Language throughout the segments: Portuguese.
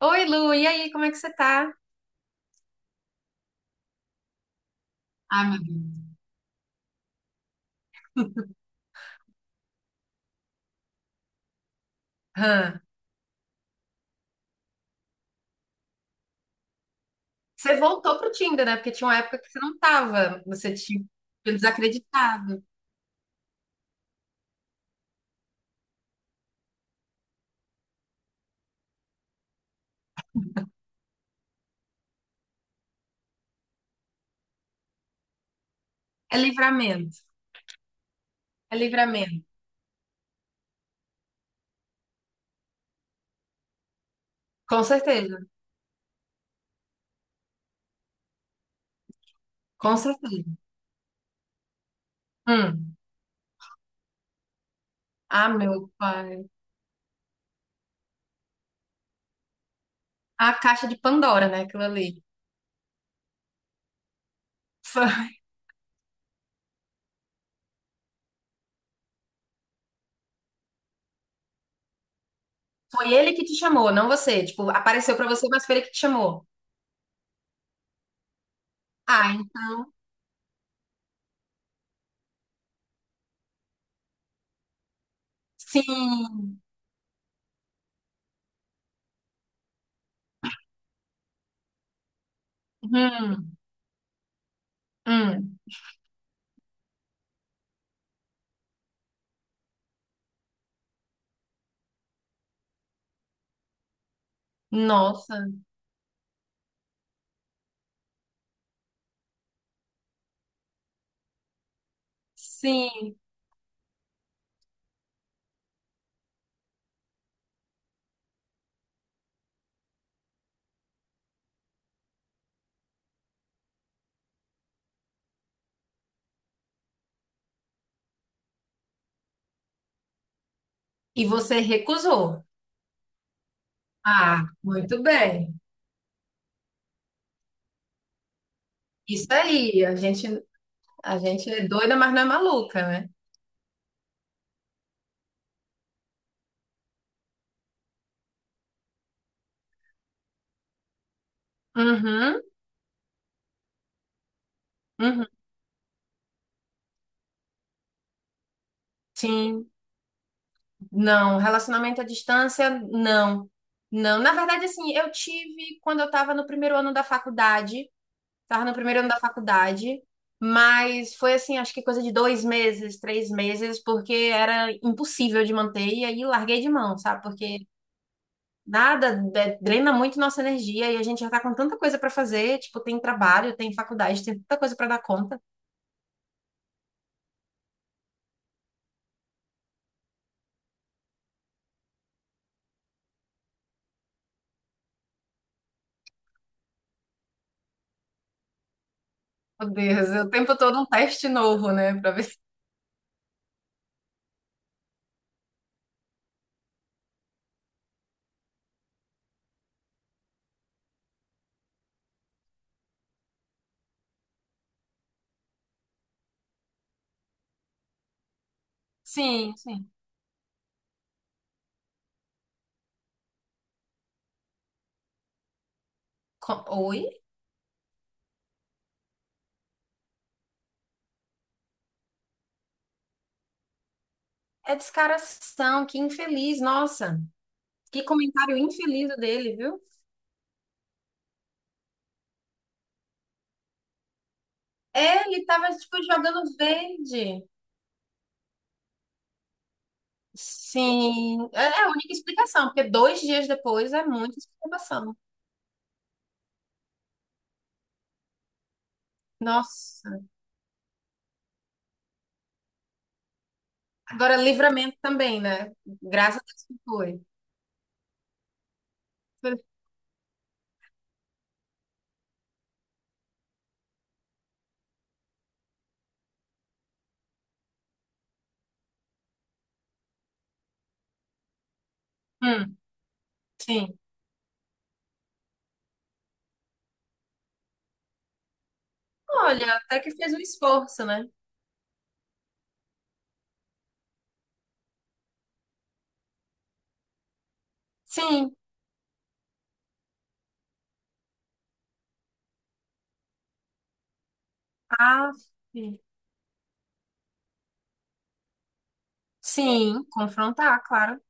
Oi, Lu, e aí, como é que você tá? Ai, meu Deus. Hã? Você voltou pro Tinder, né? Porque tinha uma época que você não tava, você tinha desacreditado. É livramento, é livramento. Com certeza, com certeza. Hum. Ah, meu pai. A caixa de Pandora, né? Aquilo ali. Foi foi ele que te chamou, não você. Tipo, apareceu pra você, mas foi ele que te chamou. Ah, então, sim. Hum, hum. Nossa, sim. E você recusou. Ah, muito bem. Isso aí, a gente é doida, mas não é maluca, né? Uhum, uhum, sim. Não, relacionamento à distância, não. Não, na verdade, assim, eu tive quando eu estava no primeiro ano da faculdade, estava no primeiro ano da faculdade, mas foi assim, acho que coisa de 2 meses, 3 meses, porque era impossível de manter, e aí larguei de mão, sabe? Porque nada é, drena muito nossa energia e a gente já tá com tanta coisa para fazer, tipo, tem trabalho, tem faculdade, tem tanta coisa para dar conta. Meu Deus, é o tempo todo um teste novo, né? Pra ver se. Sim, sim. Oi? É descaração, que infeliz, nossa. Que comentário infeliz o dele, viu? É, ele tava, tipo, jogando verde. Sim, é a única explicação, porque 2 dias depois é muita explicação. Nossa. Agora, livramento também, né? Graças a Deus que foi. Foi- Hum, sim. Olha, até que fez um esforço, né? Sim. Ah, sim. Sim, confrontar, claro.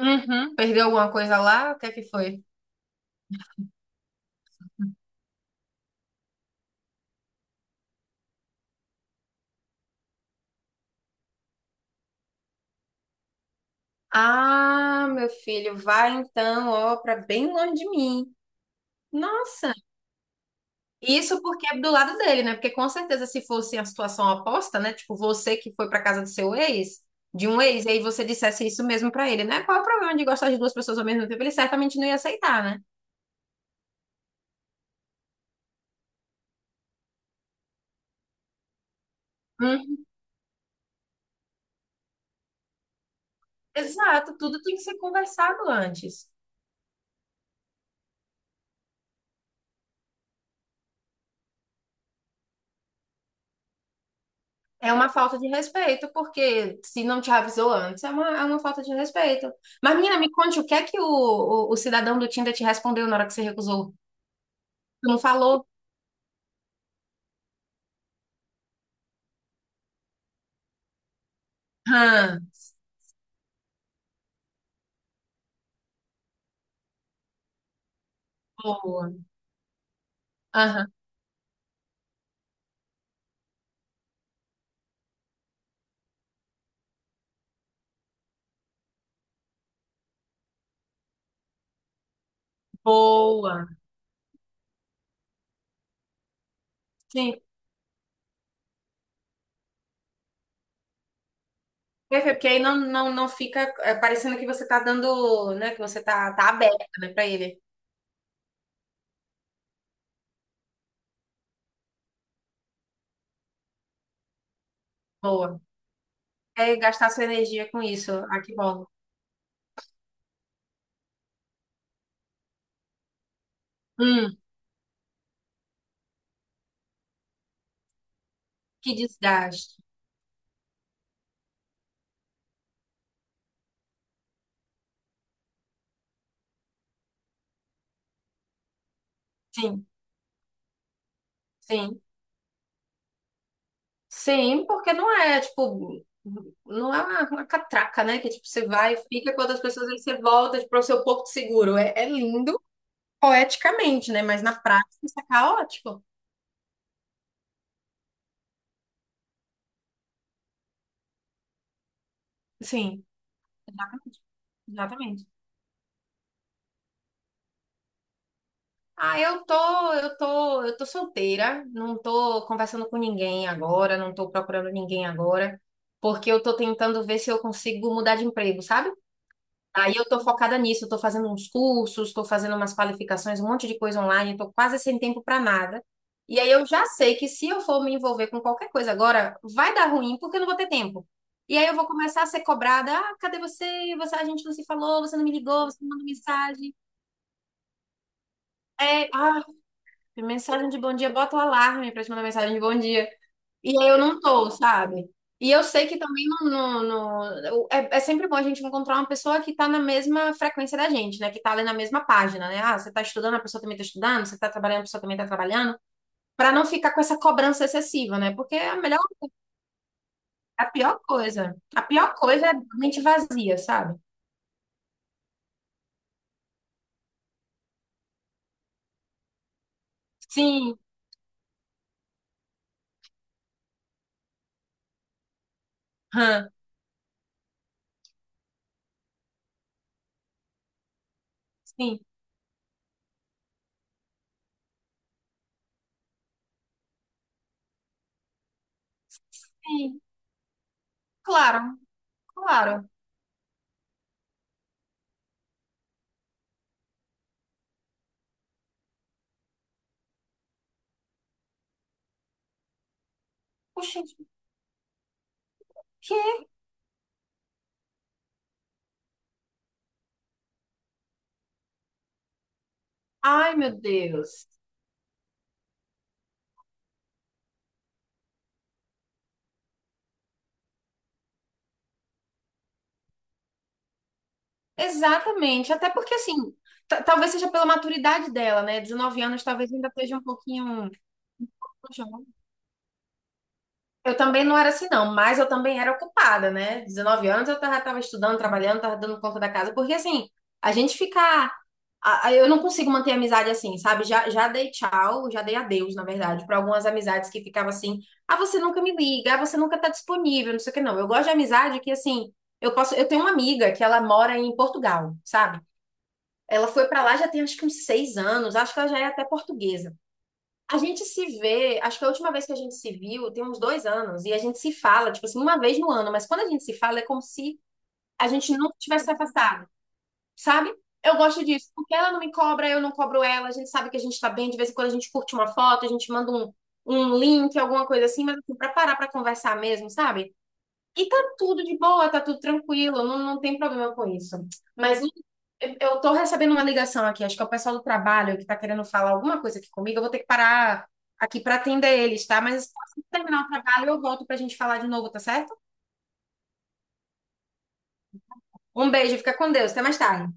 Uhum. Perdeu alguma coisa lá? O que é que foi? Ah, meu filho, vai então, ó, pra bem longe de mim. Nossa, isso porque é do lado dele, né? Porque com certeza se fosse a situação oposta, né? Tipo, você que foi pra casa do seu ex, de um ex, e aí você dissesse isso mesmo pra ele, né? Qual é o problema de gostar de duas pessoas ao mesmo tempo? Ele certamente não ia aceitar, né? Hum. Exato, tudo tem que ser conversado antes. É uma falta de respeito, porque se não te avisou antes, é uma falta de respeito. Mas, menina, me conte o que é que o cidadão do Tinder te respondeu na hora que você recusou? Tu não falou? Hã, boa. Aham, boa. Sim. Perfeito, porque aí não fica é, parecendo que você tá dando, né, que você tá aberta, né, pra ele. Boa. É gastar sua energia com isso. Ah, que bom. Hum, que desgaste. Sim, sim. Sim, porque não é, tipo, não é uma catraca, né? Que, tipo, você vai, fica com outras pessoas, aí você volta, tipo, para o seu porto seguro. É lindo poeticamente, né? Mas na prática isso é caótico. Sim, exatamente. Ah, eu tô solteira, não tô conversando com ninguém agora, não tô procurando ninguém agora, porque eu tô tentando ver se eu consigo mudar de emprego, sabe? Aí eu tô focada nisso, eu tô fazendo uns cursos, tô fazendo umas qualificações, um monte de coisa online, eu tô quase sem tempo para nada. E aí eu já sei que se eu for me envolver com qualquer coisa agora, vai dar ruim porque eu não vou ter tempo. E aí eu vou começar a ser cobrada, ah, cadê você? Você, a gente não se falou, você não me ligou, você não mandou mensagem. É, ah, mensagem de bom dia, bota o alarme para te mandar mensagem de bom dia. E aí eu não tô, sabe? E eu sei que também é sempre bom a gente encontrar uma pessoa que tá na mesma frequência da gente, né? Que tá ali na mesma página, né? Ah, você tá estudando, a pessoa também tá estudando, você tá trabalhando, a pessoa também tá trabalhando, pra não ficar com essa cobrança excessiva, né? Porque é a melhor, a pior coisa é a mente vazia, sabe? Sim, hã, sim, sim, claro, claro. Poxa, o quê? Ai, meu Deus. Exatamente, até porque assim, talvez seja pela maturidade dela, né? 19 anos talvez ainda esteja um pouquinho jovem. Eu também não era assim, não, mas eu também era ocupada, né? 19 anos eu já estava estudando, trabalhando, tava dando conta da casa, porque assim, a gente ficar. Eu não consigo manter amizade assim, sabe? Já dei tchau, já dei adeus, na verdade, para algumas amizades que ficavam assim: ah, você nunca me liga, ah, você nunca tá disponível, não sei o que, não. Eu gosto de amizade que, assim, eu posso. Eu tenho uma amiga que ela mora em Portugal, sabe? Ela foi para lá já tem acho que uns 6 anos, acho que ela já é até portuguesa. A gente se vê, acho que a última vez que a gente se viu tem uns 2 anos, e a gente se fala, tipo assim, uma vez no ano, mas quando a gente se fala é como se a gente nunca tivesse se afastado, sabe? Eu gosto disso, porque ela não me cobra, eu não cobro ela, a gente sabe que a gente tá bem, de vez em quando a gente curte uma foto, a gente manda um link, alguma coisa assim, mas assim, pra parar pra conversar mesmo, sabe? E tá tudo de boa, tá tudo tranquilo, não, não tem problema com isso. Mas o- eu tô recebendo uma ligação aqui, acho que é o pessoal do trabalho que tá querendo falar alguma coisa aqui comigo, eu vou ter que parar aqui pra atender eles, tá? Mas assim que terminar o trabalho, eu volto pra gente falar de novo, tá certo? Um beijo, fica com Deus, até mais tarde.